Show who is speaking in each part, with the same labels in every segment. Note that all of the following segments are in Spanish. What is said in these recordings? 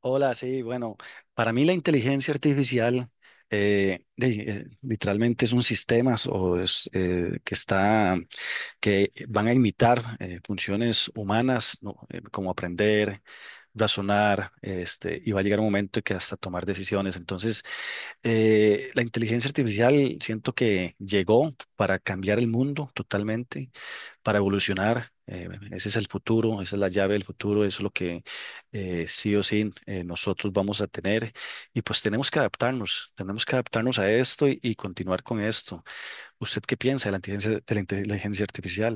Speaker 1: Hola, sí, bueno, para mí la inteligencia artificial literalmente es un sistema o que van a imitar funciones humanas, ¿no? Como aprender, razonar, este, y va a llegar un momento que hasta tomar decisiones. Entonces, la inteligencia artificial siento que llegó para cambiar el mundo totalmente para evolucionar. Ese es el futuro, esa es la llave del futuro, eso es lo que sí o sí nosotros vamos a tener. Y pues tenemos que adaptarnos a esto y continuar con esto. ¿Usted qué piensa de la inteligencia artificial?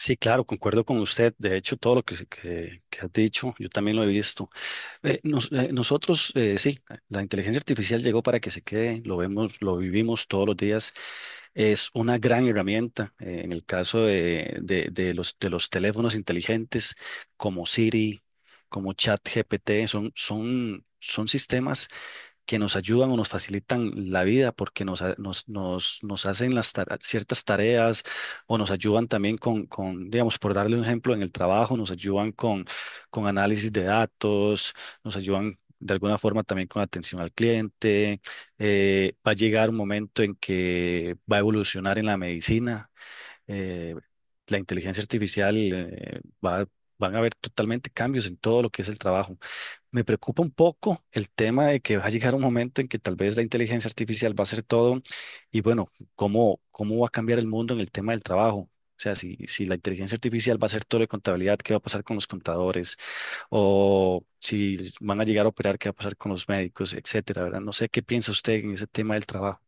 Speaker 1: Sí, claro, concuerdo con usted. De hecho, todo lo que has dicho, yo también lo he visto. Nosotros, sí, la inteligencia artificial llegó para que se quede, lo vemos, lo vivimos todos los días. Es una gran herramienta en el caso de los teléfonos inteligentes como Siri, como ChatGPT, son sistemas que nos ayudan o nos facilitan la vida porque nos, ha- nos, nos, nos hacen las ciertas tareas o nos ayudan también con digamos, por darle un ejemplo, en el trabajo, nos ayudan con análisis de datos, nos ayudan de alguna forma también con atención al cliente. Va a llegar un momento en que va a evolucionar en la medicina. eh, la inteligencia artificial, va, van a haber totalmente cambios en todo lo que es el trabajo. Me preocupa un poco el tema de que va a llegar un momento en que tal vez la inteligencia artificial va a hacer todo y bueno, ¿cómo, cómo va a cambiar el mundo en el tema del trabajo? O sea, si la inteligencia artificial va a hacer todo de contabilidad, ¿qué va a pasar con los contadores? O si van a llegar a operar, ¿qué va a pasar con los médicos, etcétera, ¿verdad? No sé qué piensa usted en ese tema del trabajo.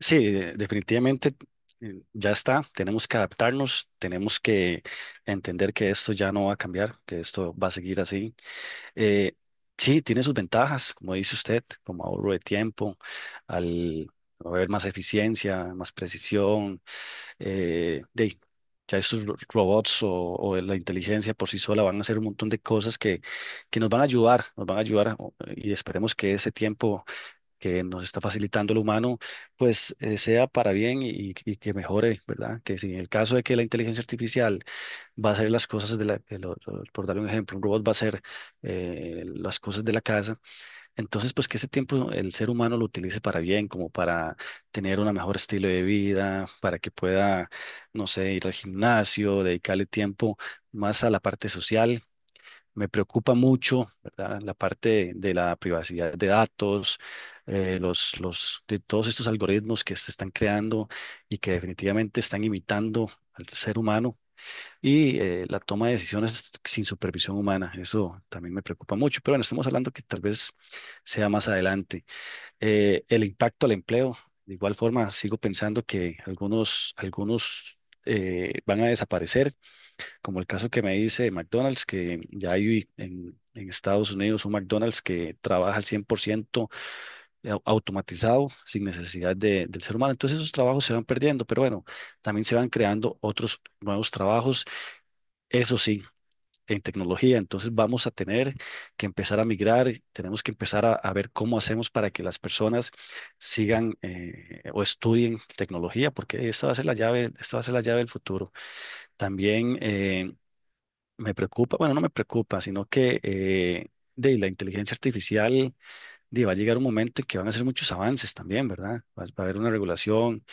Speaker 1: Definitivamente ya está. Tenemos que adaptarnos, tenemos que entender que esto ya no va a cambiar, que esto va a seguir así. Eh, sí, tiene sus ventajas, como dice usted, como ahorro de tiempo, al haber más eficiencia, más precisión. eh, de, ya estos robots o la inteligencia por sí sola van a hacer un montón de cosas que nos van a ayudar, nos van a ayudar y esperemos que ese tiempo que nos está facilitando el humano, pues sea para bien y que mejore, ¿verdad? Que si en el caso de que la inteligencia artificial va a hacer las cosas de la, de lo- por dar un ejemplo, un robot va a hacer las cosas de la casa. Entonces, pues que ese tiempo el ser humano lo utilice para bien, como para tener un mejor estilo de vida, para que pueda, no sé, ir al gimnasio, dedicarle tiempo más a la parte social. Me preocupa mucho, ¿verdad? La parte de, la privacidad de datos, de todos estos algoritmos que se están creando y que definitivamente están imitando al ser humano y la toma de decisiones sin supervisión humana. Eso también me preocupa mucho, pero bueno, estamos hablando que tal vez sea más adelante. El impacto al empleo, de igual forma, sigo pensando que algunos van a desaparecer, como el caso que me dice de McDonald's, que ya hay en Estados Unidos un McDonald's que trabaja al 100% automatizado, sin necesidad del ser humano. Entonces esos trabajos se van perdiendo, pero bueno, también se van creando otros nuevos trabajos. Eso sí en tecnología. Entonces vamos a tener que empezar a migrar, tenemos que empezar a ver cómo hacemos para que las personas sigan o estudien tecnología, porque esta va a ser la llave, esta va a ser la llave del futuro. También me preocupa, bueno, no me preocupa, sino que de la inteligencia artificial va a llegar un momento en que van a hacer muchos avances también, ¿verdad? Va a haber una regulación.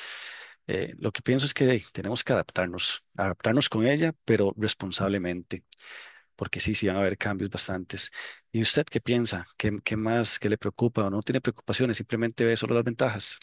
Speaker 1: Lo que pienso es que tenemos que adaptarnos, adaptarnos con ella, pero responsablemente porque sí van a haber cambios bastantes. ¿Y usted qué piensa? ¿Qué, qué más, qué le preocupa o no tiene preocupaciones? Simplemente ve solo las ventajas.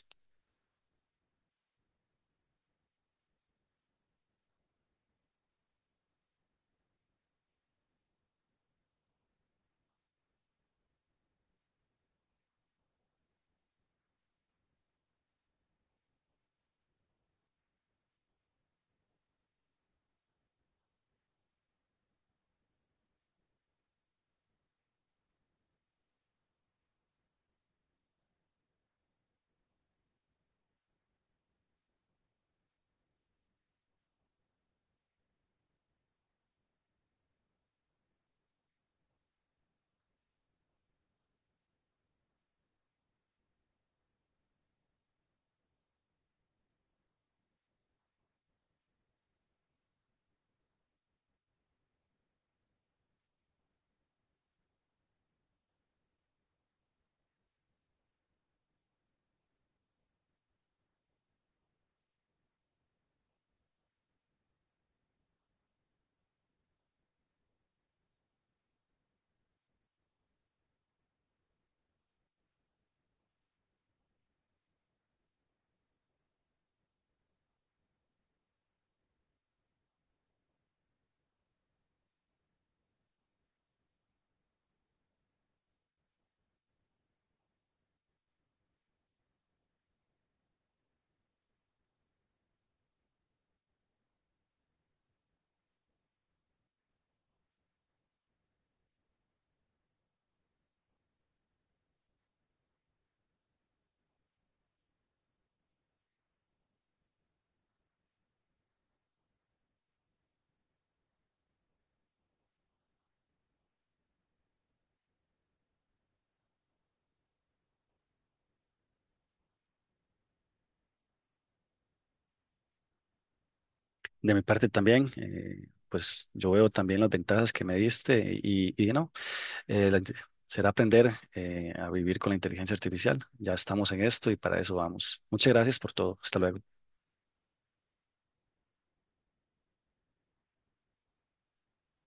Speaker 1: De mi parte también, pues yo veo también las ventajas que me diste y no, eh, la inte- será aprender a vivir con la inteligencia artificial. Ya estamos en esto y para eso vamos. Muchas gracias por todo. Hasta luego.